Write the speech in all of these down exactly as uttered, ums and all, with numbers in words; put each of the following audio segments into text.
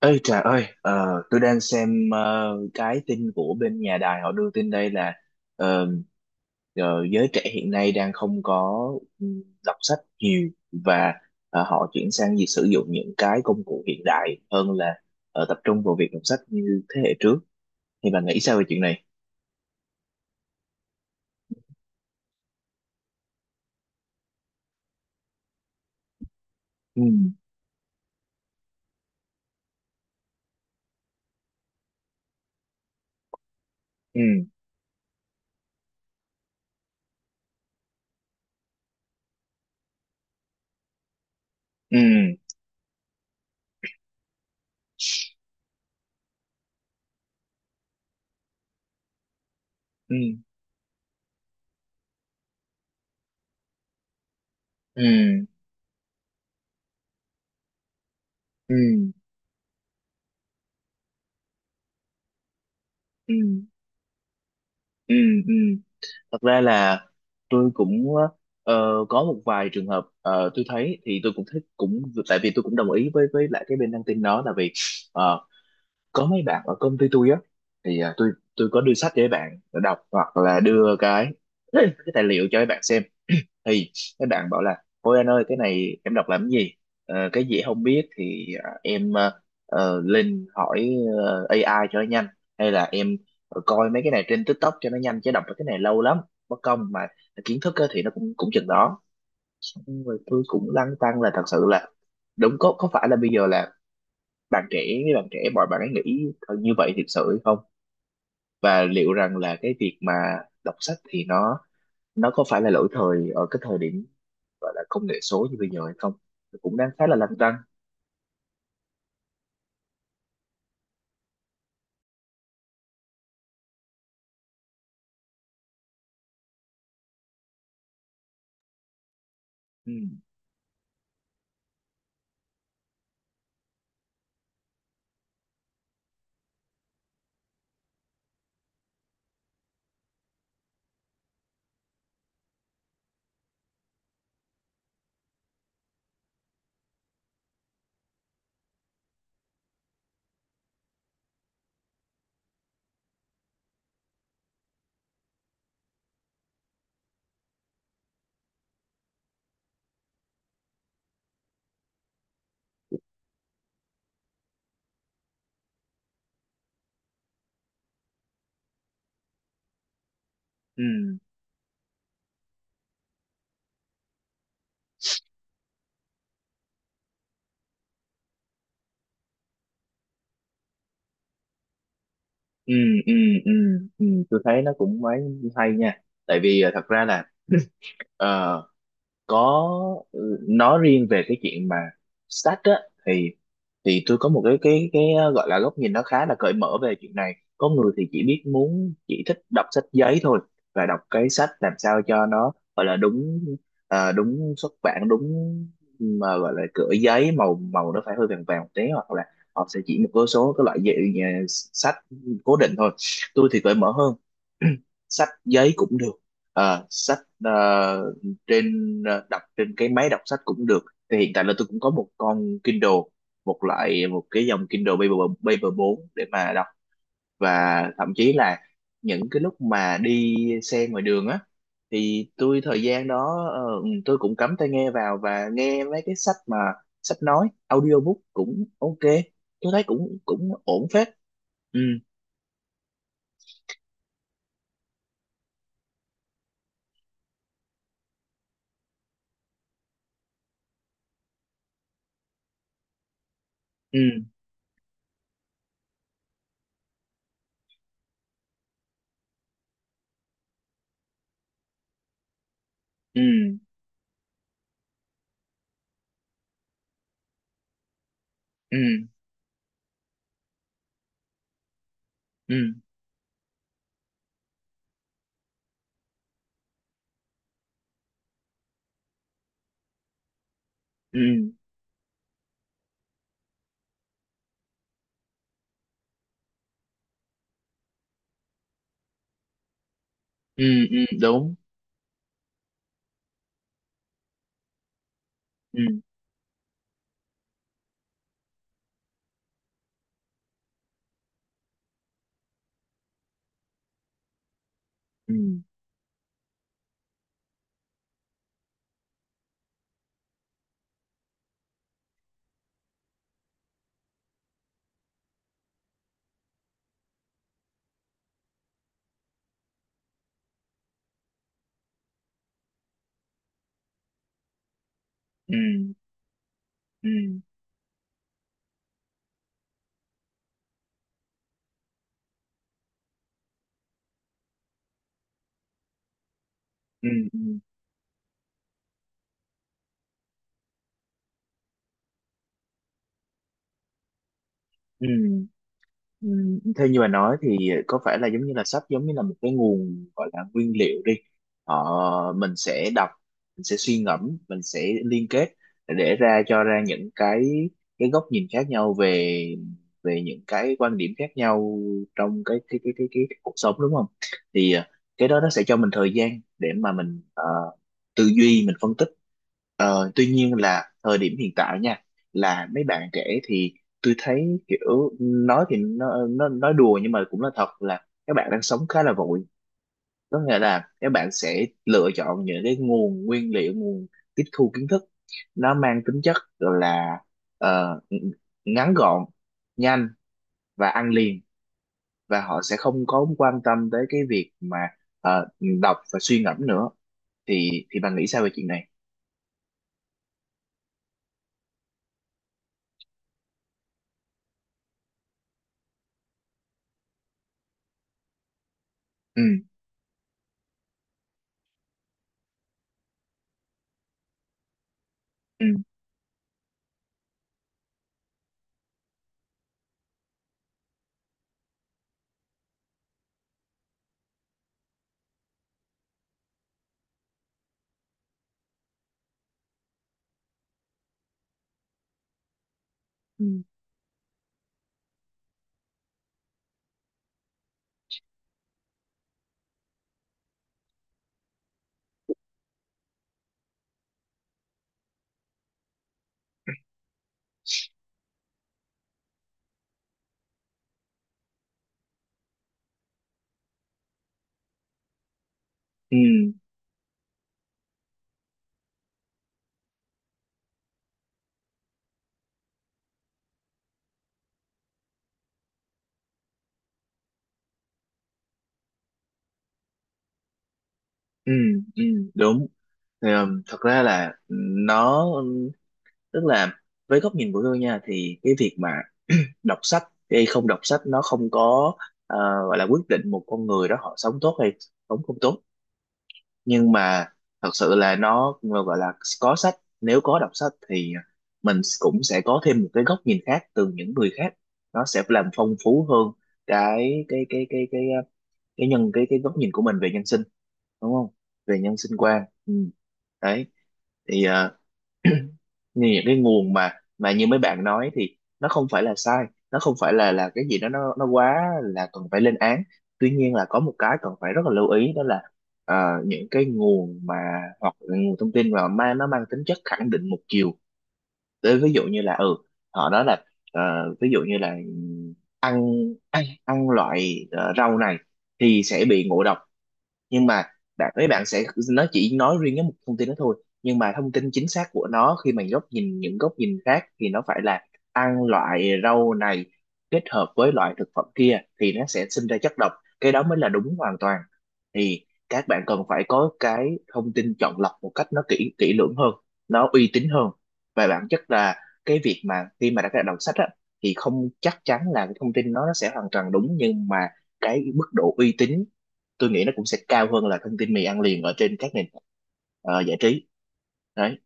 Ê Trà ơi, ờ, tôi đang xem ờ, cái tin của bên nhà đài họ đưa tin đây là ờ, ờ, giới trẻ hiện nay đang không có ừm, đọc sách nhiều và ờ, họ chuyển sang việc sử dụng những cái công cụ hiện đại hơn là ờ, tập trung vào việc đọc sách như thế hệ trước. Thì bạn nghĩ sao về chuyện này? Ừ, ừ, ừ, ừ, ừ, ừ, ừ, ừ, ừ. thật ra là tôi cũng ờ, có một vài trường hợp, ờ, tôi thấy thì tôi cũng thích, cũng tại vì tôi cũng đồng ý với với lại cái bên đăng tin đó, là vì ờ, có mấy bạn ở công ty tôi á, thì à, tôi tôi có đưa sách cho mấy bạn đọc, hoặc là đưa cái cái tài liệu cho mấy bạn xem. Thì các bạn bảo là: ôi anh ơi cái này em đọc làm cái gì? Ờ, cái gì em không biết thì à, em ờ, ờ, lên hỏi ờ, A I cho nó nhanh, hay là em coi mấy cái này trên TikTok cho nó nhanh, chứ đọc mấy cái này lâu lắm, mất công mà kiến thức á, thì nó cũng cũng chừng đó. Xong rồi tôi cũng lăn tăn là thật sự là đúng có có phải là bây giờ là bạn trẻ với bạn trẻ mọi bạn ấy nghĩ như vậy thực sự hay không, và liệu rằng là cái việc mà đọc sách thì nó nó có phải là lỗi thời ở cái thời điểm gọi là công nghệ số như bây giờ hay không. Nó cũng đang khá là lăn tăn. Ừ, ừ, ừ, ừ, ừ, ừ. Tôi thấy nó cũng mấy hay nha, tại vì à, thật ra là ờ, có ừ, nói riêng về cái chuyện mà sách á thì thì tôi có một cái cái cái ờ, gọi là góc nhìn nó khá là cởi mở về chuyện này. Có người thì chỉ biết muốn chỉ thích đọc sách giấy thôi, và đọc cái sách làm sao cho nó gọi là đúng, ờ, đúng xuất bản đúng, mà gọi là cửa giấy màu màu nó phải hơi vàng vàng một tí, hoặc là họ sẽ chỉ một số cái loại dạy, sách cố định thôi. Tôi thì cởi mở hơn, sách giấy cũng được. Ờ, sách ờ, trên ờ, Đọc trên cái máy đọc sách cũng được. Thì hiện tại là tôi cũng có một con Kindle, một loại một cái dòng Kindle Paper Paper bốn để mà đọc. Và thậm chí là những cái lúc mà đi xe ngoài đường á, thì tôi thời gian đó ờ, ừ, tôi cũng cắm tai nghe vào và nghe mấy cái sách mà sách nói audiobook cũng ok, tôi thấy cũng cũng ổn phết. Ừ, ừ, ừ, ừ, ừ, ừ, ừ, ừ đúng, ừ, ừ, ừ, ừ, ừ, ừ, ừ. Ừ, theo như bà nói thì có phải là giống như là sách giống như là một cái nguồn gọi là nguyên liệu đi, ờ, mình sẽ đọc, mình sẽ suy ngẫm, mình sẽ liên kết để ra, cho ra những cái cái góc nhìn khác nhau về về những cái quan điểm khác nhau trong cái cái cái cái, cái cuộc sống, đúng không? Thì ờ, cái đó nó sẽ cho mình thời gian để mà mình ờ, tư duy, mình phân tích. Ờ, tuy nhiên là thời điểm hiện tại nha, là mấy bạn trẻ thì tôi thấy kiểu, nói thì nó, nó nói đùa nhưng mà cũng là thật, là các bạn đang sống khá là vội. Có nghĩa là các bạn sẽ lựa chọn những cái nguồn nguyên liệu, nguồn tiếp thu kiến thức nó mang tính chất là ờ, ngắn gọn, nhanh và ăn liền, và họ sẽ không có quan tâm tới cái việc mà ờ, đọc và suy ngẫm nữa. Thì thì bạn nghĩ sao về chuyện này? Ừ, ừ, ừ, ừ, ừ, ừ, đúng. Thì, ờ, thật ra là nó tức là với góc nhìn của tôi nha, thì cái việc mà đọc sách hay không đọc sách nó không có ờ, gọi là quyết định một con người đó họ sống tốt hay sống không tốt. Nhưng mà thật sự là nó gọi là có sách, nếu có đọc sách thì mình cũng sẽ có thêm một cái góc nhìn khác từ những người khác, nó sẽ làm phong phú hơn cái cái cái cái cái cái, cái nhân cái cái góc nhìn của mình về nhân sinh, đúng không, về nhân sinh quan. Ừ. Đấy, thì ờ, như những cái nguồn mà mà như mấy bạn nói thì nó không phải là sai, nó không phải là là cái gì đó nó nó quá là cần phải lên án. Tuy nhiên là có một cái cần phải rất là lưu ý đó là ờ, những cái nguồn mà hoặc là nguồn thông tin mà ma nó mang tính chất khẳng định một chiều. Đấy, ví dụ như là ừ họ nói là ờ, ví dụ như là ăn ăn, ăn loại ờ, rau này thì sẽ bị ngộ độc, nhưng mà bạn mấy bạn sẽ, nó chỉ nói riêng cái một thông tin đó thôi, nhưng mà thông tin chính xác của nó khi mà góc nhìn những góc nhìn khác thì nó phải là ăn loại rau này kết hợp với loại thực phẩm kia thì nó sẽ sinh ra chất độc, cái đó mới là đúng hoàn toàn. Thì các bạn cần phải có cái thông tin chọn lọc một cách nó kỹ kỹ lưỡng hơn, nó uy tín hơn. Và bản chất là cái việc mà khi mà đã đã đọc sách á, thì không chắc chắn là cái thông tin nó nó sẽ hoàn toàn đúng, nhưng mà cái mức độ uy tín tôi nghĩ nó cũng sẽ cao hơn là thông tin mì ăn liền ở trên các nền ờ, giải trí. Đấy.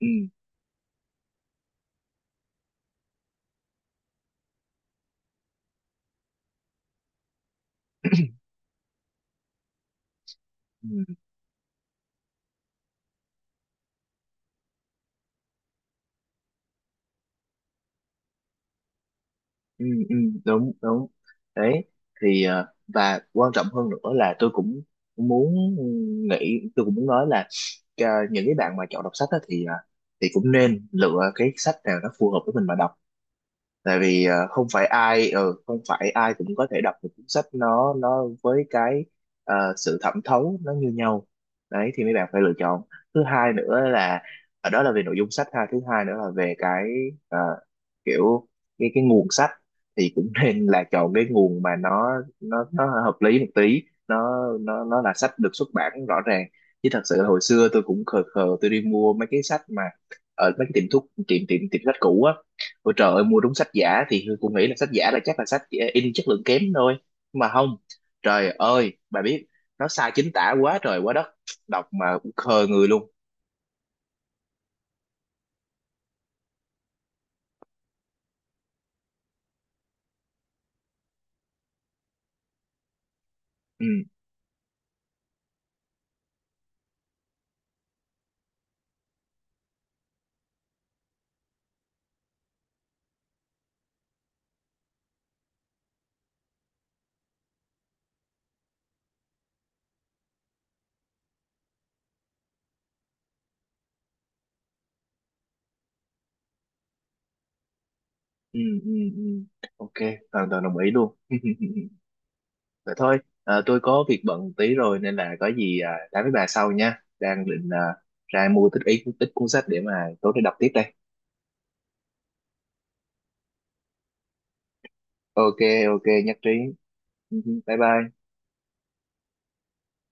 Ừ, ừ, ừ, ừ, đúng đúng. Đấy, thì ờ, và quan trọng hơn nữa là tôi cũng muốn nghĩ, tôi cũng muốn nói là ờ, những cái bạn mà chọn đọc sách á thì ờ, thì cũng nên lựa cái sách nào nó phù hợp với mình mà đọc. Tại vì ờ, không phải ai ờ, không phải ai cũng có thể đọc một cuốn sách nó nó với cái ờ, sự thẩm thấu nó như nhau. Đấy thì mấy bạn phải lựa chọn. Thứ hai nữa là ở đó là về nội dung sách ha, thứ hai nữa là về cái ờ, kiểu cái cái nguồn sách thì cũng nên là chọn cái nguồn mà nó nó nó hợp lý một tí, nó nó nó là sách được xuất bản rõ ràng. Chứ thật sự là hồi xưa tôi cũng khờ khờ, tôi đi mua mấy cái sách mà ở mấy cái tiệm thuốc, tiệm tiệm tiệm sách cũ á. Ôi trời ơi mua đúng sách giả, thì Hương cũng nghĩ là sách giả là chắc là sách eh, in chất lượng kém thôi, nhưng mà không, trời ơi bà biết, nó sai chính tả quá trời quá đất, đọc mà khờ người luôn. Ừ, ừ, ừ, ừ, ok, hoàn toàn đồng ý luôn. Vậy thôi, ờ, tôi có việc bận tí rồi nên là có gì à, nói với bà sau nha, đang định à, ra mua tích ít ít cuốn sách để mà tối nay đọc tiếp đây. Ok, ok, nhất trí. Bye bye.